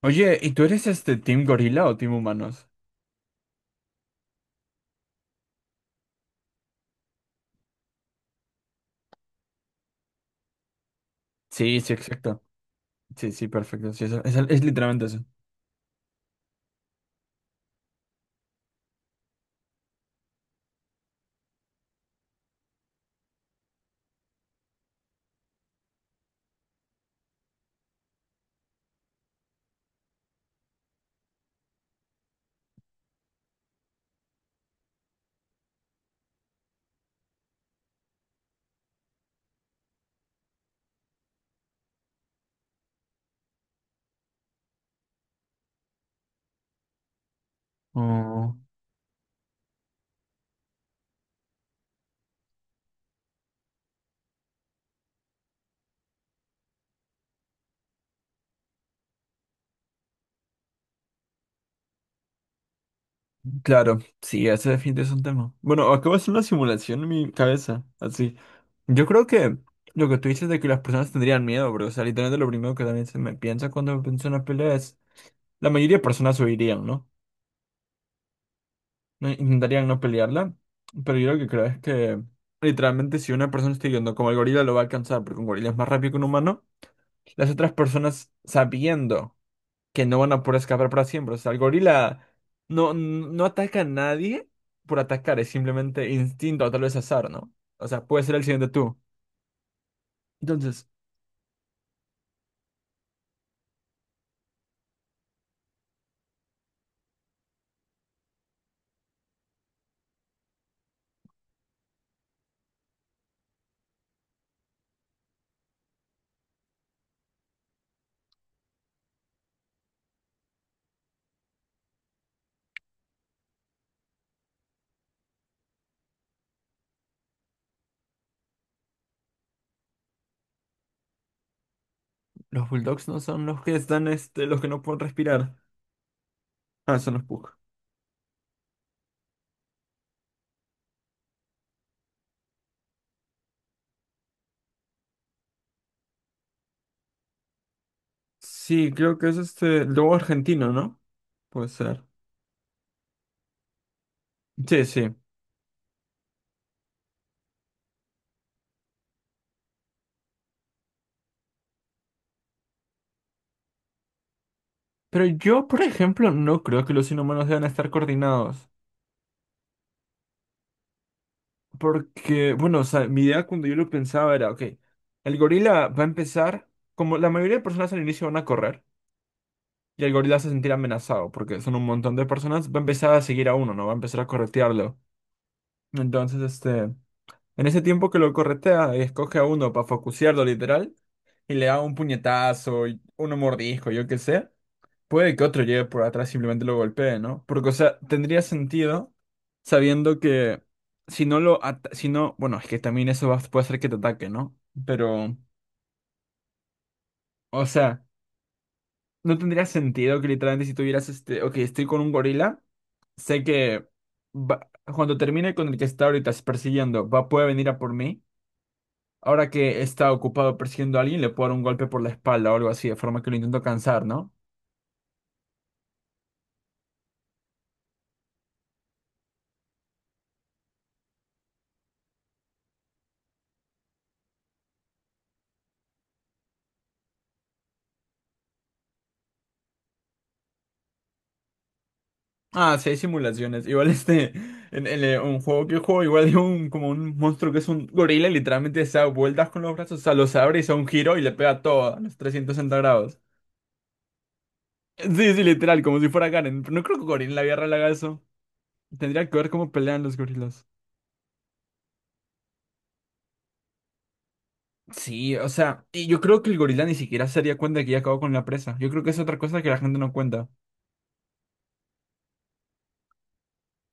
Oye, ¿y tú eres este Team Gorila o Team Humanos? Sí, sí, exacto. Sí, sí, perfecto. Sí, es literalmente eso. Oh, claro, sí, ese definitivamente es un tema. Bueno, acabo de hacer una simulación en mi cabeza, así. Yo creo que lo que tú dices de que las personas tendrían miedo, bro. O sea, literalmente lo primero que también se me piensa cuando pienso en una pelea es, la mayoría de personas huirían, ¿no? Intentarían no pelearla, pero yo lo que creo es que literalmente si una persona está yendo como el gorila lo va a alcanzar, porque un gorila es más rápido que un humano. Las otras personas sabiendo que no van a poder escapar para siempre. O sea, el gorila no, no ataca a nadie por atacar, es simplemente instinto o tal vez azar, ¿no? O sea, puede ser el siguiente tú. Entonces, los bulldogs no son los que están, los que no pueden respirar. Ah, son los pug. Sí, creo que es este lobo argentino, ¿no? Puede ser. Sí, sí. Pero yo, por ejemplo, no creo que los inhumanos deban estar coordinados. Porque, bueno, o sea, mi idea cuando yo lo pensaba era, ok, el gorila va a empezar, como la mayoría de personas al inicio van a correr, y el gorila se va a sentir amenazado, porque son un montón de personas, va a empezar a seguir a uno, ¿no? Va a empezar a corretearlo. Entonces, en ese tiempo que lo corretea, escoge a uno para focusearlo, literal, y le da un puñetazo, y uno mordisco, yo qué sé. Puede que otro llegue por atrás y simplemente lo golpee, ¿no? Porque, o sea, tendría sentido sabiendo que si no lo... Si no, bueno, es que también eso puede hacer que te ataque, ¿no? Pero, o sea, no tendría sentido que literalmente si tuvieras Ok, estoy con un gorila, sé que va- cuando termine con el que está ahorita persiguiendo, va, puede venir a por mí. Ahora que está ocupado persiguiendo a alguien, le puedo dar un golpe por la espalda o algo así, de forma que lo intento cansar, ¿no? Ah, sí, hay simulaciones. Igual un juego que juego, igual hay un, como un monstruo que es un gorila y literalmente se da vueltas con los brazos, o sea, los abre y se da un giro y le pega todo a los 360 grados. Sí, sí, literal, como si fuera Karen. Pero no creo que Gorila en la guerra le haga eso. Tendría que ver cómo pelean los gorilas. Sí, o sea, y yo creo que el gorila ni siquiera se daría cuenta de que ya acabó con la presa. Yo creo que es otra cosa que la gente no cuenta.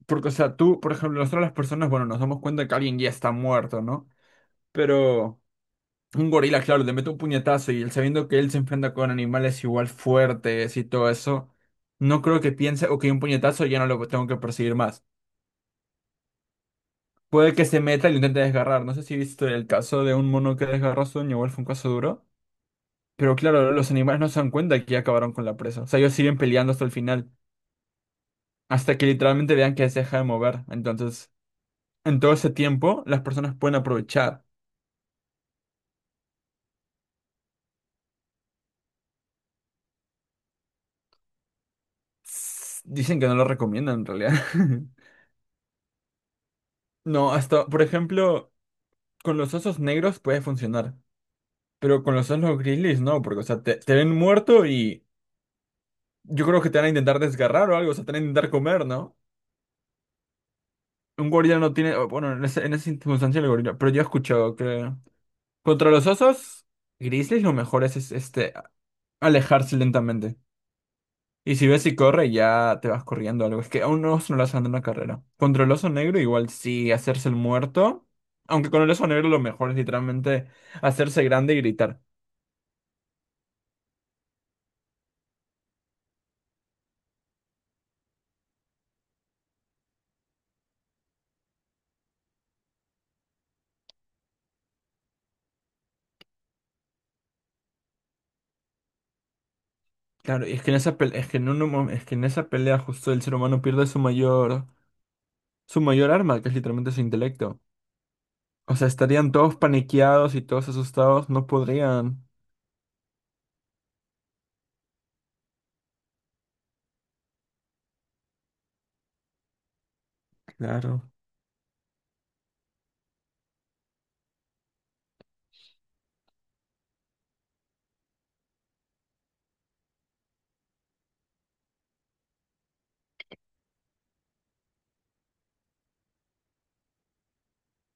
Porque, o sea, tú, por ejemplo, nosotros las personas, bueno, nos damos cuenta que alguien ya está muerto, ¿no? Pero... Un gorila, claro, le mete un puñetazo y él sabiendo que él se enfrenta con animales igual fuertes y todo eso, no creo que piense, ok, un puñetazo ya no lo tengo que perseguir más. Puede que se meta y lo intente desgarrar. No sé si viste el caso de un mono que desgarró a su dueño, igual fue un caso duro. Pero claro, los animales no se dan cuenta que ya acabaron con la presa. O sea, ellos siguen peleando hasta el final, hasta que literalmente vean que se deja de mover. Entonces, en todo ese tiempo, las personas pueden aprovechar. Dicen que no lo recomiendan en realidad. No, hasta, por ejemplo. Con los osos negros puede funcionar, pero con los osos grizzlies no, porque, o sea, te ven muerto y yo creo que te van a intentar desgarrar o algo, o sea, te van a intentar comer, ¿no? Un gorila no tiene, o, bueno, en esa circunstancia el gorila, pero yo he escuchado que contra los osos grizzlies lo mejor es alejarse lentamente. Y si ves si corre, ya te vas corriendo o algo. Es que a un oso no le hacen una carrera. Contra el oso negro, igual sí, hacerse el muerto. Aunque con el oso negro lo mejor es literalmente hacerse grande y gritar. Claro, y es que en esa pelea, es que en esa pelea justo el ser humano pierde su mayor arma, que es literalmente su intelecto. O sea, estarían todos paniqueados y todos asustados, no podrían, Claro.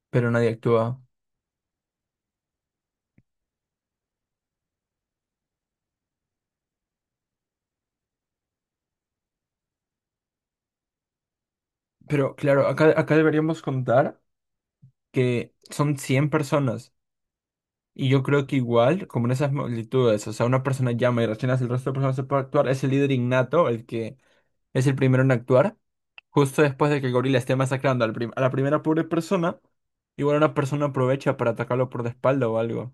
Pero nadie actúa. Pero claro, acá deberíamos contar que son 100 personas. Y yo creo que igual, como en esas multitudes, o sea, una persona llama y rechina, el resto de personas no se puede actuar, es el líder innato, el que es el primero en actuar. Justo después de que el gorila esté masacrando a la primera pobre persona, igual una persona aprovecha para atacarlo por la espalda o algo.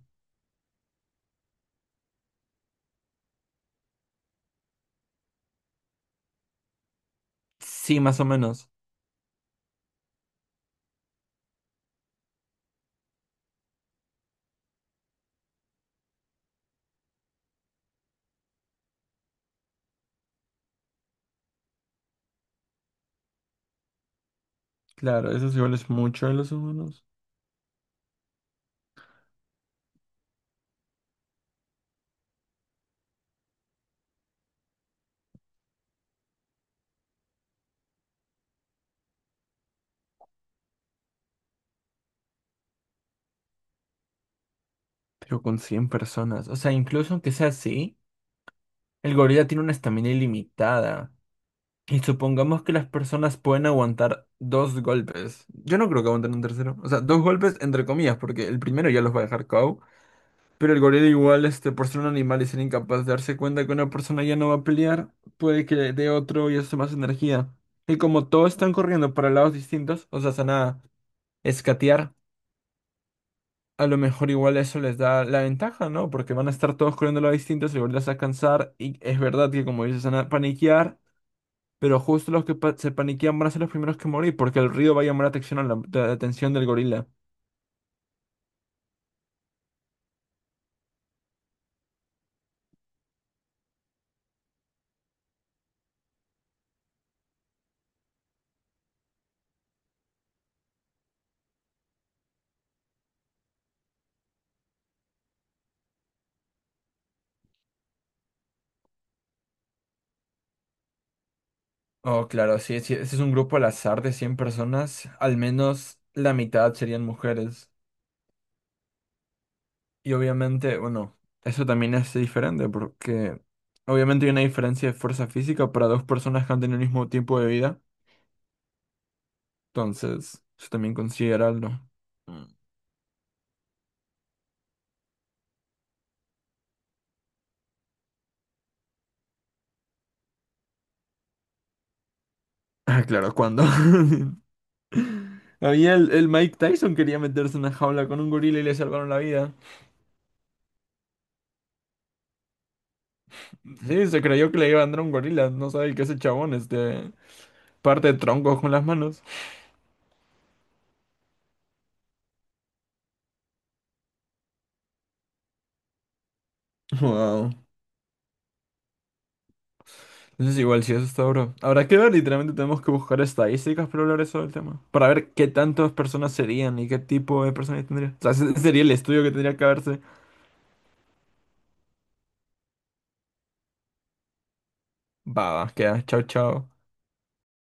Sí, más o menos. Claro, eso igual es mucho de los humanos. Pero con 100 personas. O sea, incluso aunque sea así, el gorila tiene una estamina ilimitada. Y supongamos que las personas pueden aguantar dos golpes. Yo no creo que aguanten un tercero. O sea, dos golpes entre comillas, porque el primero ya los va a dejar KO. Pero el gorila igual, por ser un animal y ser incapaz de darse cuenta que una persona ya no va a pelear, puede que le dé otro y eso más energía. Y como todos están corriendo para lados distintos, o sea, se van a escatear, a lo mejor igual eso les da la ventaja, ¿no? Porque van a estar todos corriendo a lados distintos, el gorila se va a cansar y es verdad que como dices, se van a paniquear, pero justo los que se paniquean van a ser los primeros que morir porque el río va a llamar la atención, a la atención del gorila. Oh, claro, sí, sí, ese es un grupo al azar de 100 personas, al menos la mitad serían mujeres. Y obviamente, bueno, eso también es diferente porque obviamente hay una diferencia de fuerza física para dos personas que han tenido el mismo tiempo de vida. Entonces, eso también considerarlo. Mm. Ah, claro, cuando había el Mike Tyson quería meterse en una jaula con un gorila y le salvaron la vida. Sí, se creyó que le iba a andar un gorila, no sabe que ese chabón parte troncos con las manos. Wow. Entonces igual si eso está duro. Habrá que ver, literalmente tenemos que buscar estadísticas para hablar eso del tema. Para ver qué tantas personas serían y qué tipo de personas tendría. O sea, ese sería el estudio que tendría que haberse. Va, va, queda. Chao, chao.